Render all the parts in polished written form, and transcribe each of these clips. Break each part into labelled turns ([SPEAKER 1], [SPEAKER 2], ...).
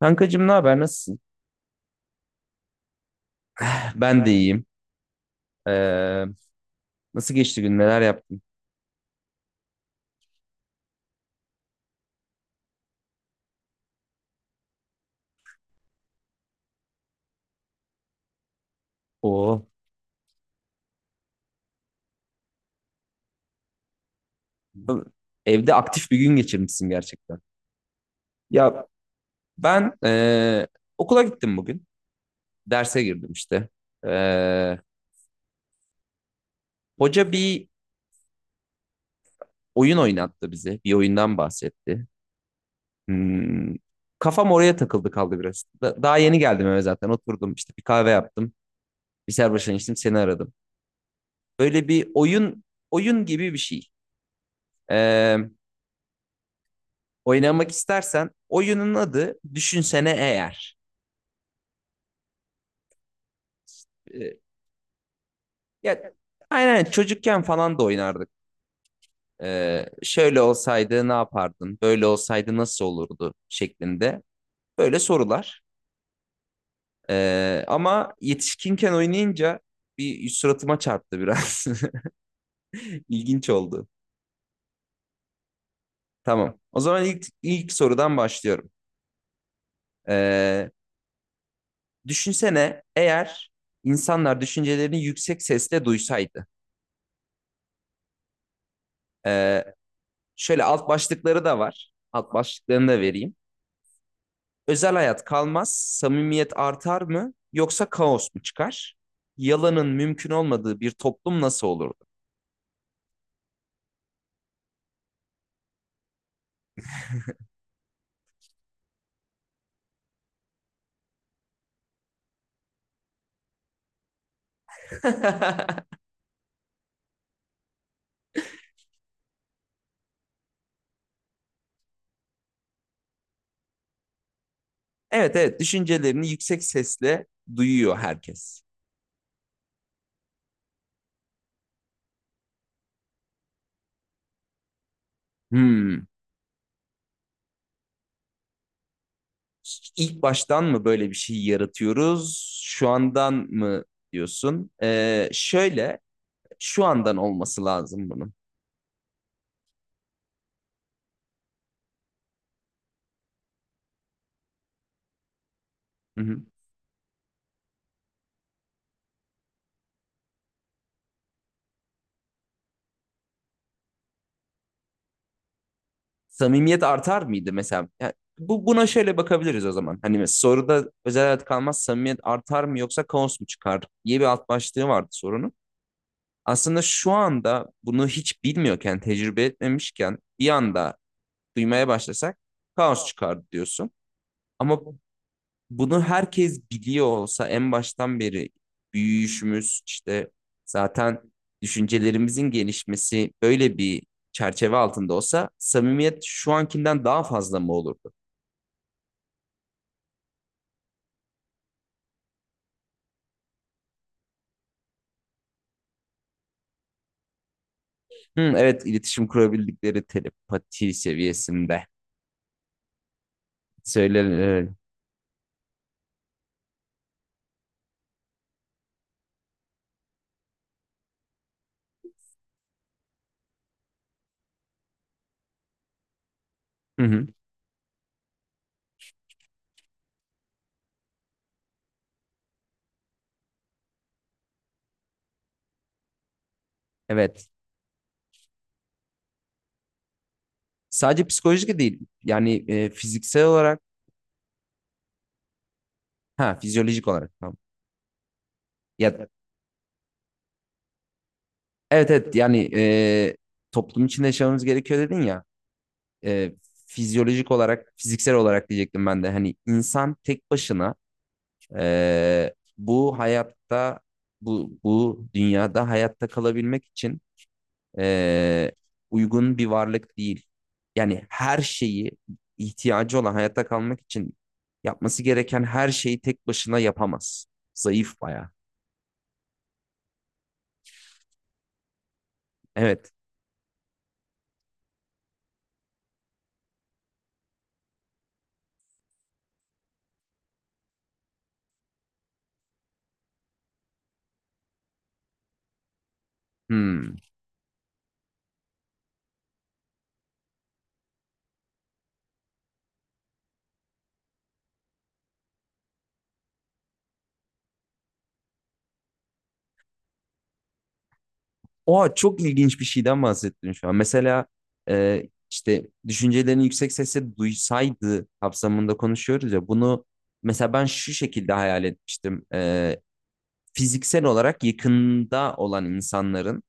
[SPEAKER 1] Kankacığım ne haber? Nasılsın? Ben de iyiyim. Ee, Nasıl geçti gün? Neler yaptın? Oo. Evde aktif bir gün geçirmişsin gerçekten. Ya ben okula gittim bugün. Derse girdim işte. Ee, Hoca bir oyun oynattı bize. Bir oyundan bahsetti. Hmm, Kafam oraya takıldı kaldı biraz. Daha yeni geldim eve zaten. Oturdum işte bir kahve yaptım. Bir serbaşan içtim seni aradım. Böyle bir oyun gibi bir şey. E, oynamak istersen oyunun adı Düşünsene Eğer. Ee, Ya aynen çocukken falan da oynardık. Şöyle olsaydı ne yapardın? Böyle olsaydı nasıl olurdu şeklinde böyle sorular. Ama yetişkinken oynayınca bir suratıma çarptı biraz. İlginç oldu. Tamam. O zaman ilk sorudan başlıyorum. Ee, Düşünsene eğer insanlar düşüncelerini yüksek sesle duysaydı. Ee, Şöyle alt başlıkları da var. Alt başlıklarını da vereyim. Özel hayat kalmaz, samimiyet artar mı yoksa kaos mu çıkar? Yalanın mümkün olmadığı bir toplum nasıl olurdu? Evet, evet, düşüncelerini yüksek sesle duyuyor herkes. Hmm. İlk baştan mı böyle bir şey yaratıyoruz? Şu andan mı diyorsun? Şöyle şu andan olması lazım bunun. Hı hı. Samimiyet artar mıydı mesela? Yani buna şöyle bakabiliriz o zaman. Hani soruda özel hayat kalmaz, samimiyet artar mı yoksa kaos mu çıkar diye bir alt başlığı vardı sorunun. Aslında şu anda bunu hiç bilmiyorken, tecrübe etmemişken bir anda duymaya başlasak kaos çıkar diyorsun. Ama bunu herkes biliyor olsa en baştan beri büyüyüşümüz işte zaten düşüncelerimizin gelişmesi böyle bir çerçeve altında olsa samimiyet şu ankinden daha fazla mı olurdu? Hı, evet, iletişim kurabildikleri telepati seviyesinde. Söyle. Hı hı, evet. Sadece psikolojik değil. Yani fiziksel olarak ha fizyolojik olarak tamam. Ya evet, evet, yani toplum içinde yaşamamız gerekiyor dedin ya. e, Fizyolojik olarak, fiziksel olarak diyecektim ben de. Hani insan tek başına bu hayatta, bu dünyada hayatta kalabilmek için e, uygun bir varlık değil. Yani her şeyi ihtiyacı olan hayatta kalmak için yapması gereken her şeyi tek başına yapamaz. Zayıf bayağı. Evet. Hmm. Oha, çok ilginç bir şeyden bahsettin şu an. Mesela e, işte düşüncelerini yüksek sesle duysaydı kapsamında konuşuyoruz ya bunu, mesela ben şu şekilde hayal etmiştim. E, fiziksel olarak yakında olan insanların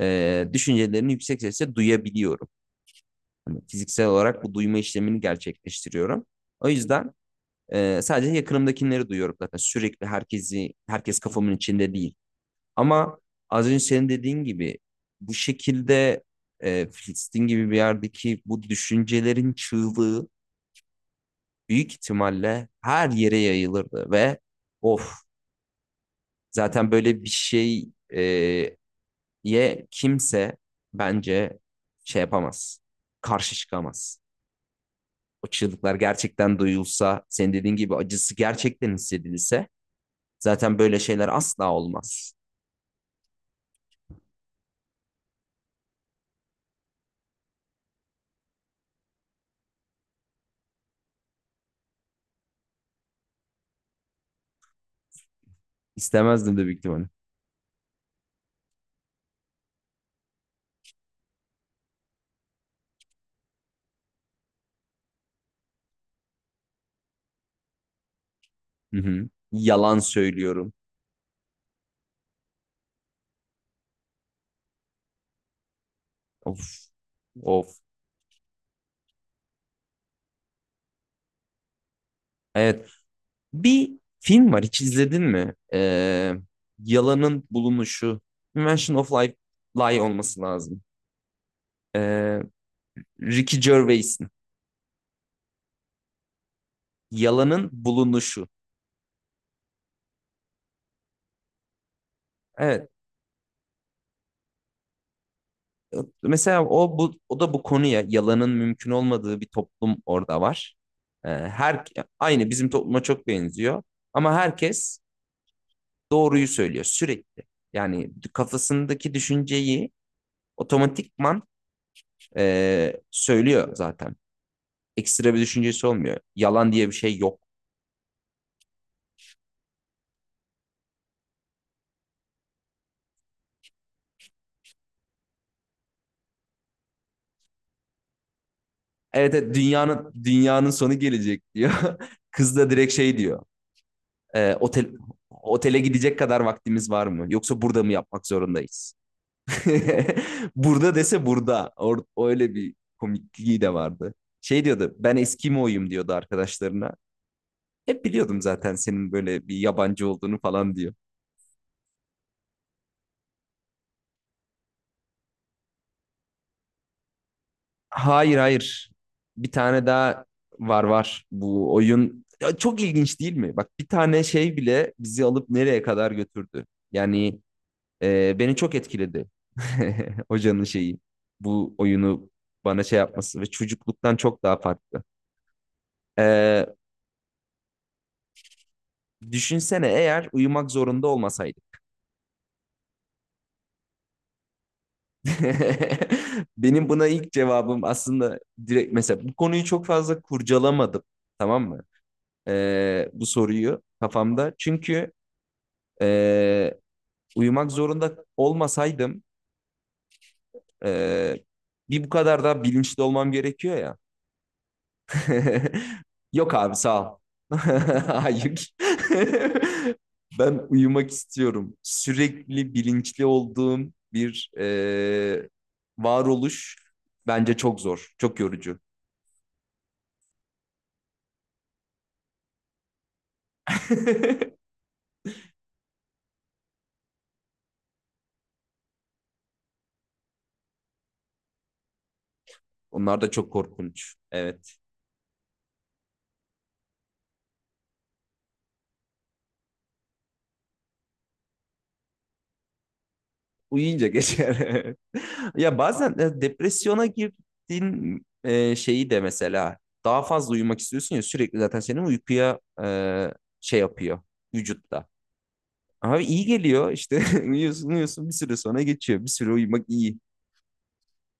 [SPEAKER 1] düşüncelerini yüksek sesle duyabiliyorum. Hani fiziksel olarak bu duyma işlemini gerçekleştiriyorum. O yüzden sadece yakınımdakileri duyuyorum zaten. Sürekli herkes kafamın içinde değil. Ama az önce senin dediğin gibi bu şekilde Filistin gibi bir yerdeki bu düşüncelerin çığlığı büyük ihtimalle her yere yayılırdı ve of, zaten böyle bir şey e, ye kimse bence şey yapamaz. Karşı çıkamaz. O çığlıklar gerçekten duyulsa, senin dediğin gibi acısı gerçekten hissedilse zaten böyle şeyler asla olmaz. İstemezdim de büyük ihtimalle. Hı hı. Yalan söylüyorum. Of. Of. Evet. Bir film var, hiç izledin mi? Yalanın Bulunuşu. Invention of Life, Lie olması lazım. Ee, Ricky Gervais'in. Yalanın Bulunuşu. Evet. Mesela o da bu konuya, yalanın mümkün olmadığı bir toplum orada var. Her aynı bizim topluma çok benziyor ama herkes doğruyu söylüyor sürekli. Yani kafasındaki düşünceyi otomatikman söylüyor zaten. Ekstra bir düşüncesi olmuyor. Yalan diye bir şey yok. Evet, evet, dünyanın sonu gelecek diyor. Kız da direkt şey diyor. E, otele gidecek kadar vaktimiz var mı? Yoksa burada mı yapmak zorundayız? Burada dese burada. Öyle bir komikliği de vardı. Şey diyordu, ben Eskimo'yum diyordu arkadaşlarına. Hep biliyordum zaten senin böyle bir yabancı olduğunu falan diyor. Hayır. Bir tane daha var bu oyun. Ya çok ilginç değil mi? Bak bir tane şey bile bizi alıp nereye kadar götürdü. Yani beni çok etkiledi. Hocanın şeyi. Bu oyunu bana şey yapması ve çocukluktan çok daha farklı. E, düşünsene eğer uyumak zorunda olmasaydık. Benim buna ilk cevabım aslında direkt, mesela bu konuyu çok fazla kurcalamadım. Tamam mı? E, bu soruyu kafamda. Çünkü Ee, uyumak zorunda olmasaydım ee, bir bu kadar da bilinçli olmam gerekiyor ya. Yok abi, sağ ol. Hayır. Ben uyumak istiyorum. Sürekli bilinçli olduğum bir varoluş bence çok zor, çok yorucu. Onlar da çok korkunç. Evet. Uyuyunca geçer. Ya bazen depresyona girdiğin şeyi de mesela daha fazla uyumak istiyorsun ya, sürekli zaten senin uykuya şey yapıyor vücutta. Abi iyi geliyor işte, uyuyorsun, uyuyorsun, bir süre sonra geçiyor. Bir süre uyumak iyi.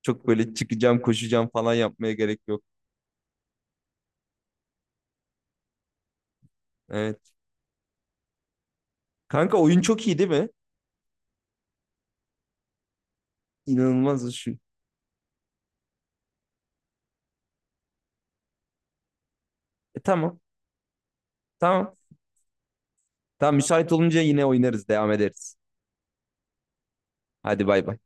[SPEAKER 1] Çok böyle çıkacağım, koşacağım falan yapmaya gerek yok. Evet. Kanka oyun çok iyi değil mi? İnanılmaz şu. E, tamam, tamam. Tamam, müsait olunca yine oynarız, devam ederiz. Hadi bay bay.